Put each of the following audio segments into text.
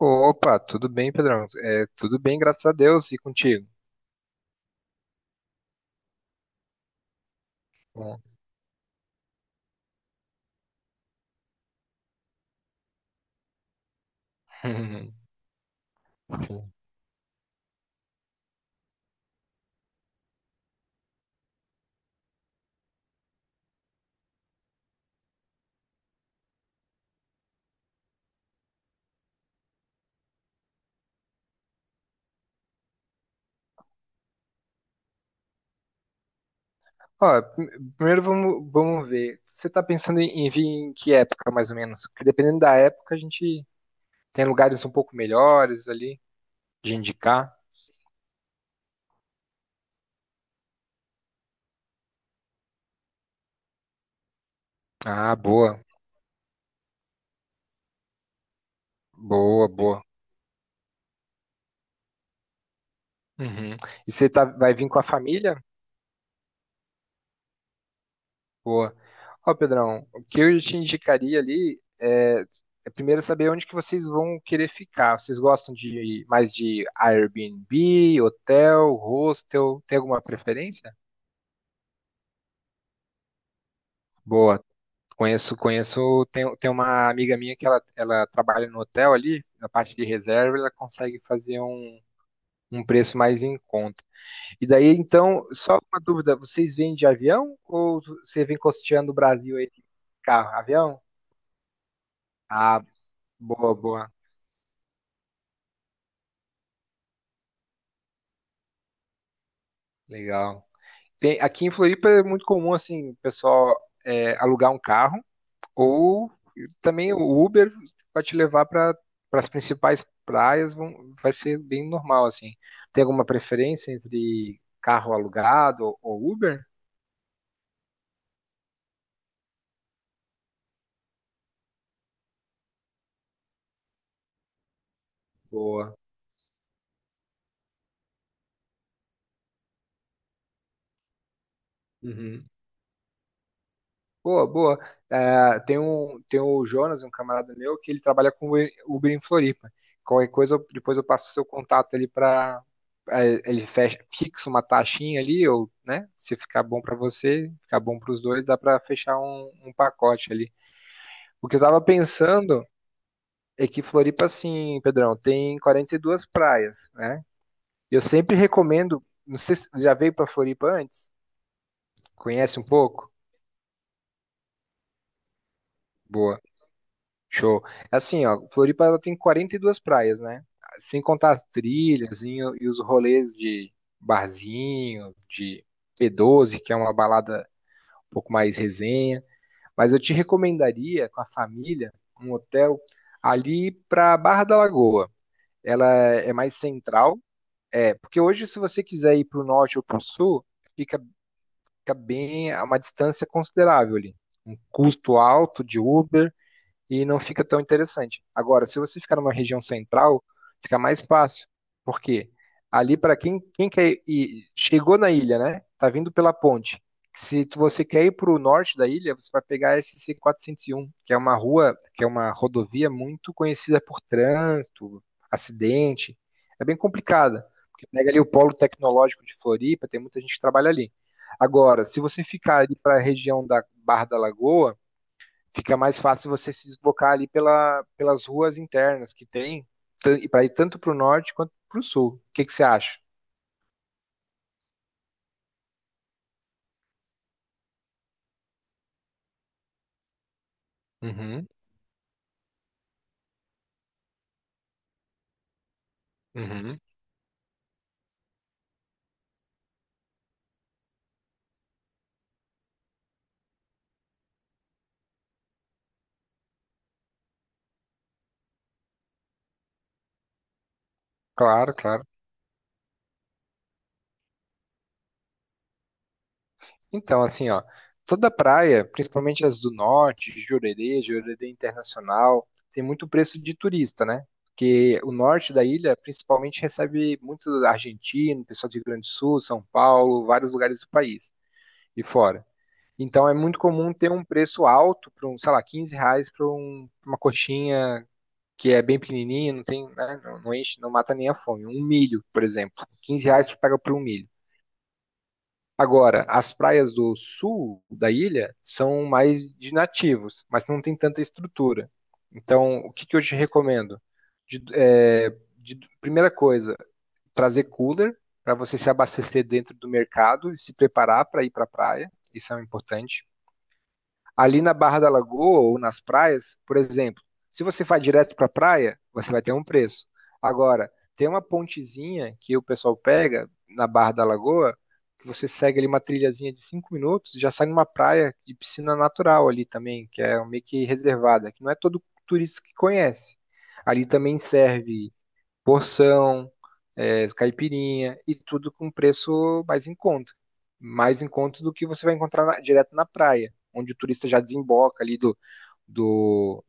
Opa, tudo bem, Pedrão? É, tudo bem, graças a Deus, e contigo? Bom. Sim. Ó, primeiro vamos ver. Você está pensando em vir em que época, mais ou menos? Porque dependendo da época, a gente tem lugares um pouco melhores ali de indicar. Ah, boa. Uhum. E você tá, vai vir com a família? Boa. Ó, Pedrão, o que eu te indicaria ali é, primeiro saber onde que vocês vão querer ficar. Vocês gostam de mais de Airbnb, hotel, hostel? Tem alguma preferência? Boa. Conheço. Tem uma amiga minha que ela trabalha no hotel ali, na parte de reserva. Ela consegue fazer um preço mais em conta. E daí, então, só uma dúvida: vocês vêm de avião ou você vem costeando o Brasil aí de carro? Avião? Ah, boa. Legal. Aqui em Floripa é muito comum, assim, o pessoal é, alugar um carro ou também o Uber vai te levar para as principais praias. Vai ser bem normal, assim. Tem alguma preferência entre carro alugado ou Uber? Boa. Uhum. Boa. É, tem o Jonas, um camarada meu, que ele trabalha com Uber em Floripa. Qualquer coisa, depois eu passo o seu contato ali para ele. Fixa uma taxinha ali, ou, né? Se ficar bom para você, ficar bom para os dois, dá para fechar um pacote ali. O que eu estava pensando é que Floripa, assim, Pedrão, tem 42 praias, né? Eu sempre recomendo, não sei se já veio para Floripa antes, conhece um pouco? Boa. Show. Assim, ó, Floripa ela tem 42 praias, né? Sem contar as trilhas e os rolês de barzinho, de P12, que é uma balada um pouco mais resenha. Mas eu te recomendaria, com a família, um hotel ali para Barra da Lagoa. Ela é mais central, é, porque hoje, se você quiser ir para o norte ou para o sul, fica, fica bem a uma distância considerável ali. Um custo alto de Uber e não fica tão interessante. Agora, se você ficar numa região central, fica mais fácil, porque ali para quem quer ir, chegou na ilha, né? Tá vindo pela ponte. Se tu- Você quer ir para o norte da ilha, você vai pegar a SC 401, que é uma que é uma rodovia muito conhecida por trânsito, acidente. É bem complicada, porque pega ali o polo tecnológico de Floripa, tem muita gente que trabalha ali. Agora, se você ficar ali para a região da Barra da Lagoa, fica mais fácil você se deslocar ali pelas ruas internas que tem, para ir tanto para o norte quanto para o sul. O que que você acha? Uhum, uhum. Claro. Então, assim, ó, toda praia, principalmente as do norte, Jurerê, Jurerê Internacional, tem muito preço de turista, né? Porque o norte da ilha, principalmente, recebe muito argentino, pessoal do Rio Grande do Sul, São Paulo, vários lugares do país e fora. Então é muito comum ter um preço alto para um, sei lá, R$ 15 para uma coxinha que é bem pequenininha, não tem, né, não enche, não mata nem a fome. Um milho, por exemplo, R$ 15 tu pega por um milho. Agora, as praias do sul da ilha são mais de nativos, mas não tem tanta estrutura. Então, o que que eu te recomendo? De- é, Primeira coisa, trazer cooler para você se abastecer dentro do mercado e se preparar para ir para a praia. Isso é importante. Ali na Barra da Lagoa ou nas praias, por exemplo, se você vai direto para a praia, você vai ter um preço. Agora, tem uma pontezinha que o pessoal pega na Barra da Lagoa, que você segue ali uma trilhazinha de 5 minutos, já sai numa praia de piscina natural ali também, que é meio que reservada, que não é todo turista que conhece. Ali também serve porção, eh, caipirinha e tudo com preço mais em conta. Mais em conta do que você vai encontrar direto na praia, onde o turista já desemboca ali do,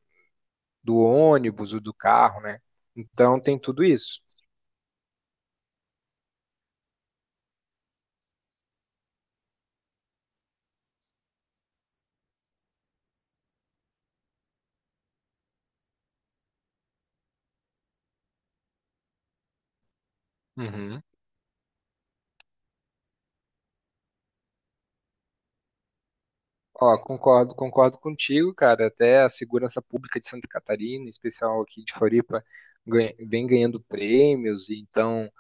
do ônibus ou do carro, né? Então tem tudo isso. Uhum. Ó, concordo contigo, cara. Até a segurança pública de Santa Catarina, em especial aqui de Floripa, vem ganhando prêmios, e então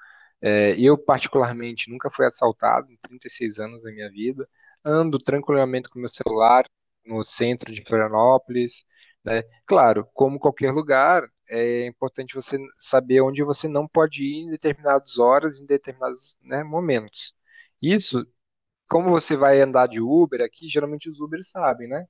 é, eu, particularmente, nunca fui assaltado em 36 anos da minha vida. Ando tranquilamente com meu celular no centro de Florianópolis, né? Claro, como qualquer lugar, é importante você saber onde você não pode ir em determinadas horas, em determinados, né, momentos. Isso, como você vai andar de Uber aqui, geralmente os Ubers sabem, né?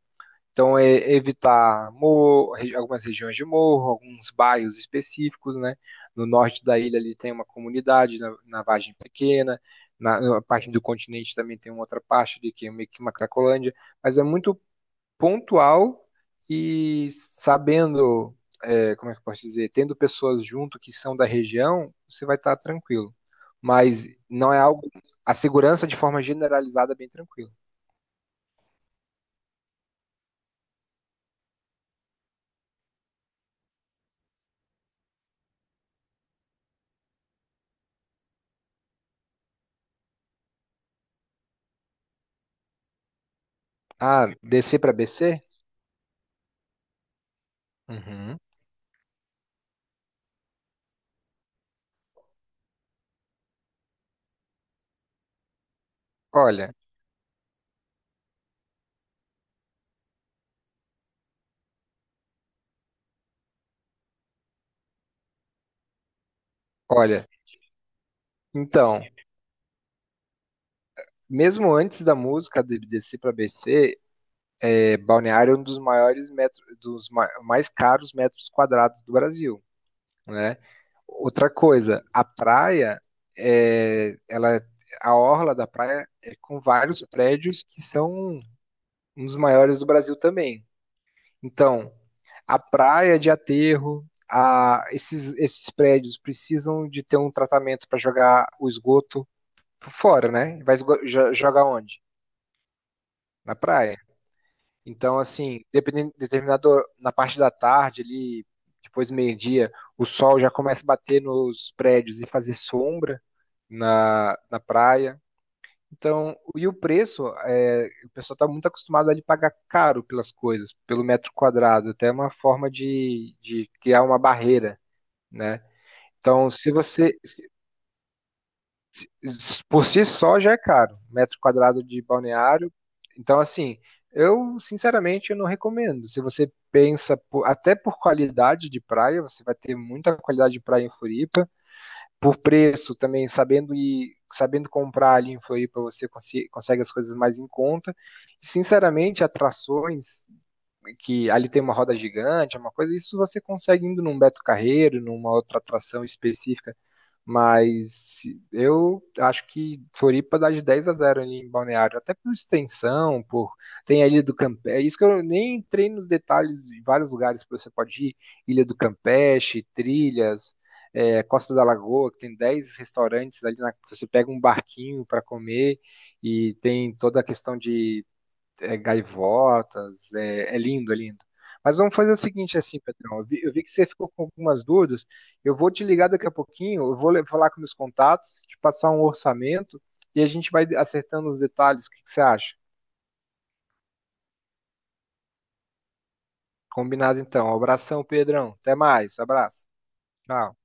Então, é evitar morro, algumas regiões de morro, alguns bairros específicos, né? No norte da ilha ali tem uma comunidade, na Vargem Pequena, na parte do continente também tem uma outra parte ali que é meio que uma Cracolândia, mas é muito pontual. E sabendo, é, como é que eu posso dizer, tendo pessoas junto que são da região, você vai estar tranquilo. Mas não é algo. A segurança de forma generalizada é bem tranquila. Ah, descer para BC? Uhum. Olha, Olha, então, mesmo antes da música do IBDC para BC, é, Balneário é um dos maiores metros, mais caros metros quadrados do Brasil, né? Outra coisa, a praia, é, ela, a orla da praia é com vários prédios que são um dos maiores do Brasil também. Então, a praia de aterro, esses prédios precisam de ter um tratamento para jogar o esgoto fora, né? Jogar onde? Na praia. Então, assim, dependendo, determinado na parte da tarde, ali, depois do meio-dia, o sol já começa a bater nos prédios e fazer sombra na praia. Então, e o preço, é, o pessoal está muito acostumado a pagar caro pelas coisas, pelo metro quadrado, até uma forma de criar uma barreira, né? Então, se você, por si só já é caro, metro quadrado de balneário. Então, assim, eu sinceramente eu não recomendo. Se você pensa até por qualidade de praia, você vai ter muita qualidade de praia em Floripa. Por preço também, sabendo comprar ali em Floripa, você consegue as coisas mais em conta. Sinceramente, atrações que ali tem uma roda gigante, é uma coisa, isso você consegue indo num Beto Carreiro, numa outra atração específica. Mas eu acho que Floripa dá de 10 a zero ali em Balneário, até por extensão, por tem a Ilha do Campeche. É isso que eu nem entrei nos detalhes de vários lugares que você pode ir, Ilha do Campeche, trilhas, é, Costa da Lagoa, que tem 10 restaurantes ali na... Você pega um barquinho para comer e tem toda a questão de é, gaivotas, é, é lindo. Mas vamos fazer o seguinte assim, Pedrão, eu vi que você ficou com algumas dúvidas. Eu vou te ligar daqui a pouquinho, eu vou falar com meus contatos, te passar um orçamento e a gente vai acertando os detalhes. O que que você acha? Combinado então. Abração, Pedrão. Até mais. Abraço. Tchau.